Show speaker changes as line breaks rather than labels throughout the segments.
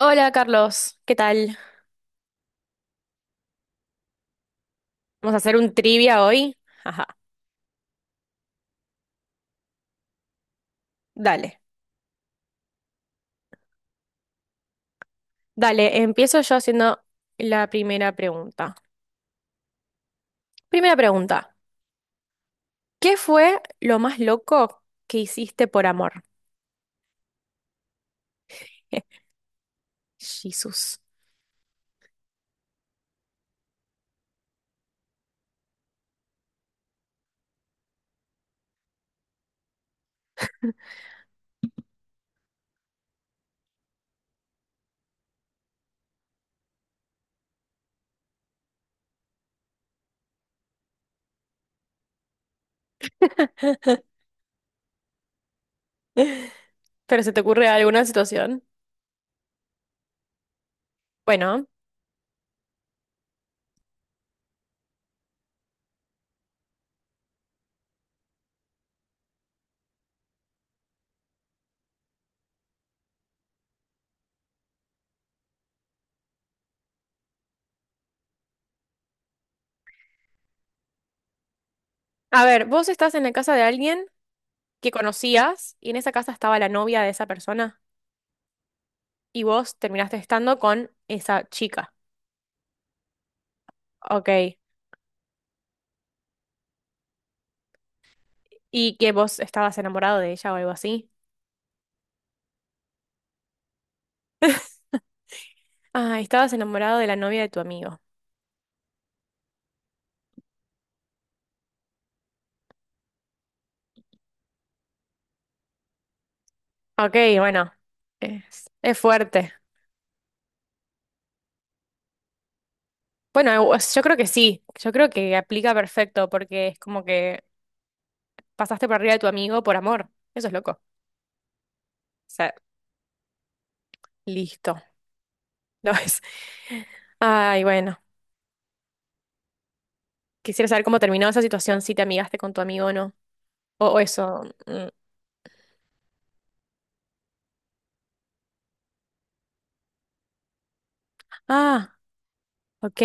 Hola Carlos, ¿qué tal? Vamos a hacer un trivia hoy. Ajá, dale, dale, empiezo yo haciendo la primera pregunta. Primera pregunta, ¿qué fue lo más loco que hiciste por amor? Jesús. ¿Pero se te ocurre alguna situación? Bueno, a ver, vos estás en la casa de alguien que conocías y en esa casa estaba la novia de esa persona y vos terminaste estando con esa chica, ¿ok? Y que vos estabas enamorado de ella o algo así. Ah, estabas enamorado de la novia de tu amigo. Ok, bueno, es fuerte. Bueno, yo creo que sí, yo creo que aplica perfecto porque es como que pasaste por arriba de tu amigo por amor. Eso es loco. O sea, listo. No es. Ay, bueno, quisiera saber cómo terminó esa situación, si te amigaste con tu amigo o no. O eso. Mm. Ah, ok.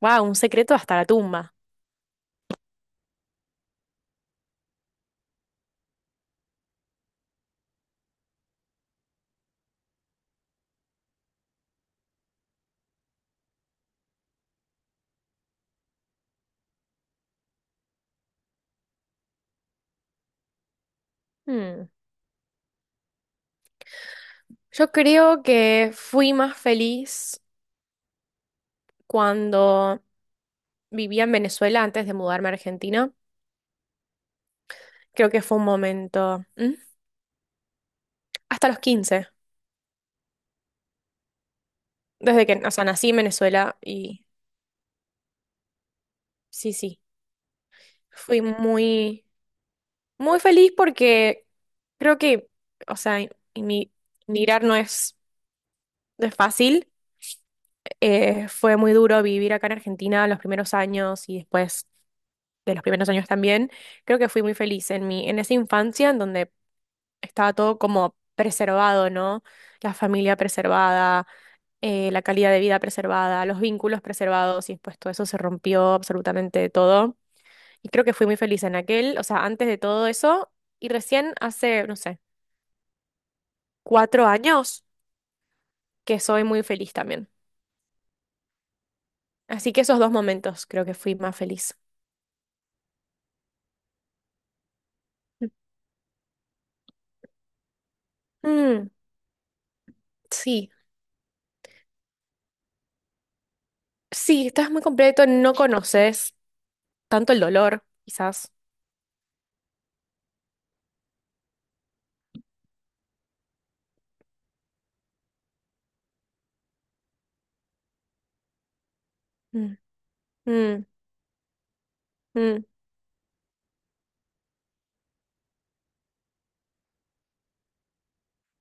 Wow, un secreto hasta la tumba. Hmm. Yo creo que fui más feliz cuando vivía en Venezuela antes de mudarme a Argentina. Creo que fue un momento, ¿mm? Hasta los 15, desde que, o sea, nací en Venezuela y sí, sí, fui muy, muy feliz porque creo que, o sea, imi- emigrar no es, no es fácil. Fue muy duro vivir acá en Argentina los primeros años y después de los primeros años también. Creo que fui muy feliz en mi, en esa infancia en donde estaba todo como preservado, ¿no? La familia preservada, la calidad de vida preservada, los vínculos preservados y después todo eso se rompió absolutamente todo. Y creo que fui muy feliz en aquel, o sea, antes de todo eso y recién hace, no sé, 4 años que soy muy feliz también. Así que esos dos momentos creo que fui más feliz. Mm, sí, sí, estás muy completo, no conoces tanto el dolor, quizás. Mm, mm, mm,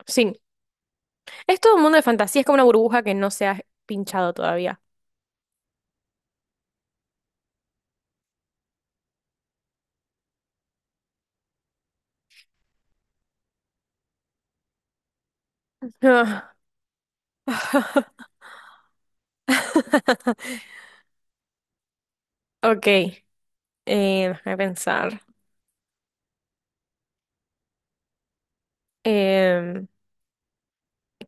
Sí, es todo un mundo de fantasía, es como una burbuja que no se ha pinchado todavía. Ah. Ok, déjame pensar. Em,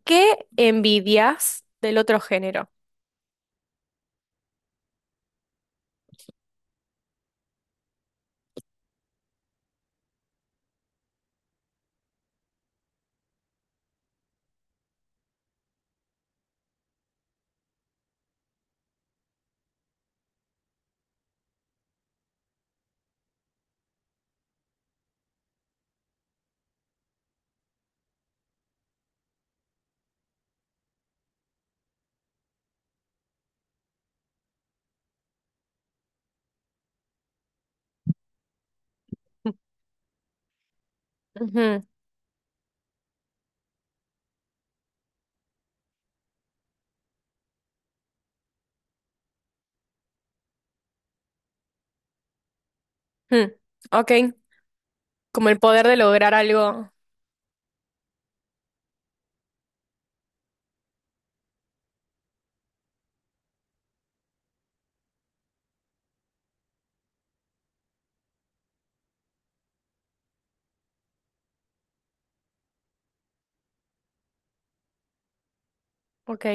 ¿Qué envidias del otro género? Ujú, mm, Ok, como el poder de lograr algo. Ok,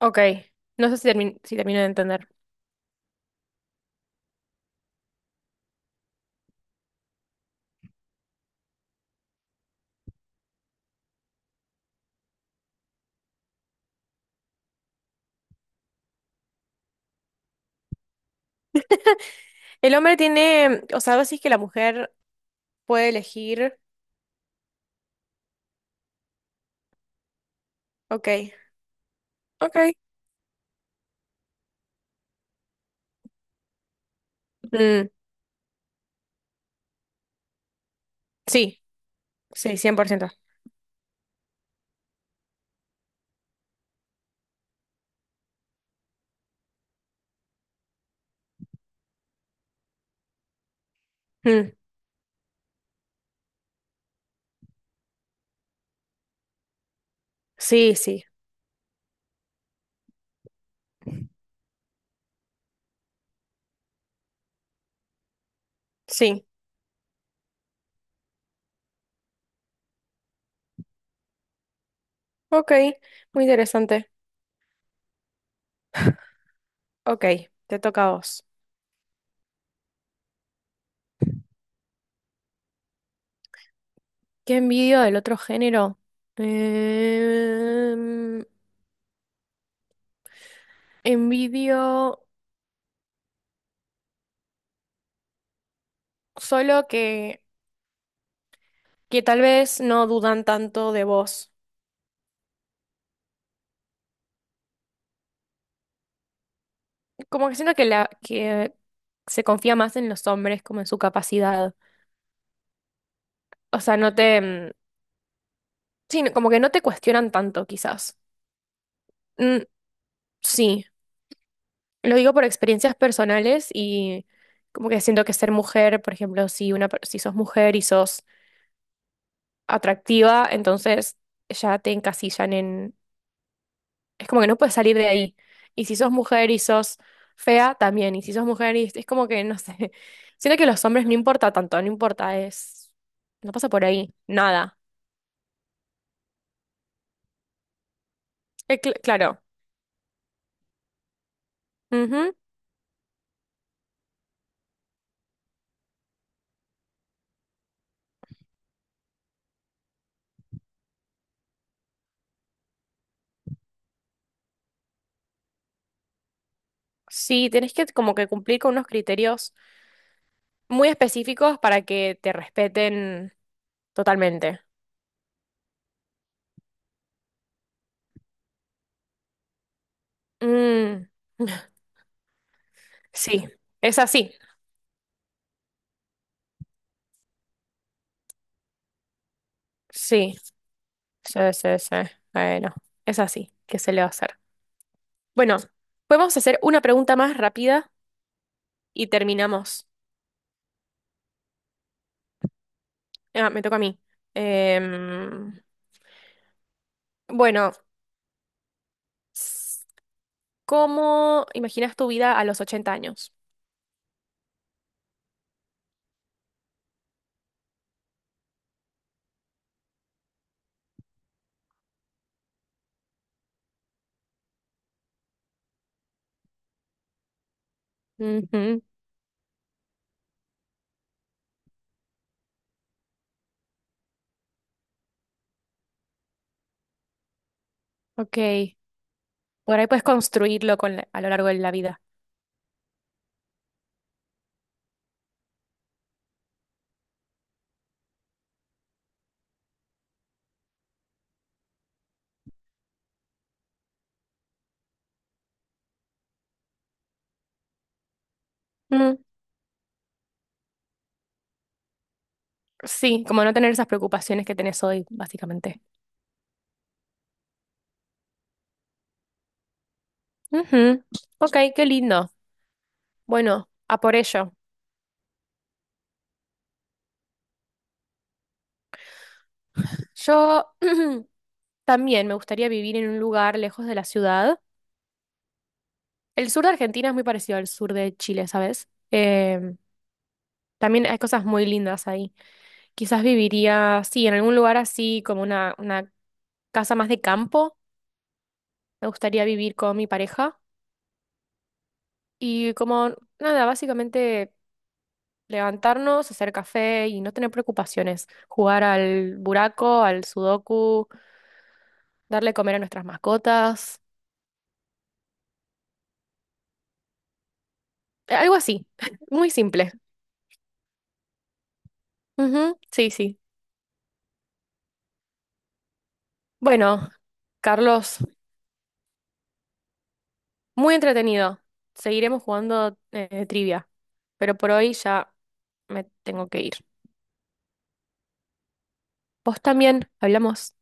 ok. No sé si, si termino de entender. El hombre tiene, o sea, vos decís que la mujer puede elegir. Ok, ok. Mm, sí, sí, 100%. Mm, sí, sí, sí. Ok, muy interesante. Ok, te toca a vos. ¿Qué envidio del otro género? Em, envidio solo que tal vez no dudan tanto de vos. Como que siento que, la, que se confía más en los hombres, como en su capacidad. O sea, sí, como que no te cuestionan tanto, quizás. Mm, sí, lo digo por experiencias personales y como que siento que ser mujer, por ejemplo, si, una, si sos mujer y sos atractiva, entonces ya te encasillan. Es como que no puedes salir de ahí. Y si sos mujer y sos fea, también. Y si sos mujer y es como que, no sé. Siento que los hombres no importa tanto, no importa, es... No pasa por ahí, nada. Claro. Ujú. Sí, tenés que como que cumplir con unos criterios muy específicos para que te respeten totalmente. Mm, sí, es así. Sí, sí, sí, sí. Bueno, es así. ¿Qué se le va a hacer? Bueno, podemos hacer una pregunta más rápida y terminamos. Ah, me toca a mí. Em, bueno, s- ¿cómo imaginas tu vida a los 80 años? Ujú, ok. Por ahí puedes construirlo con a lo largo de la vida. Mm, sí, como no tener esas preocupaciones que tenés hoy, básicamente. Ujú, ok, qué lindo. Bueno, a por ello. Yo también me gustaría vivir en un lugar lejos de la ciudad. El sur de Argentina es muy parecido al sur de Chile, ¿sabes? También hay cosas muy lindas. Quizás viviría, sí, en algún lugar así, como una casa más de campo. Me gustaría vivir con mi pareja. Y como, nada, básicamente levantarnos, hacer café y no tener preocupaciones. Jugar al buraco, al sudoku, darle comer a nuestras mascotas. Algo así, muy simple. Ujú, sí, sí. Bueno, Carlos, muy entretenido. Seguiremos jugando trivia, pero por hoy ya me tengo que ir. Vos también, hablamos.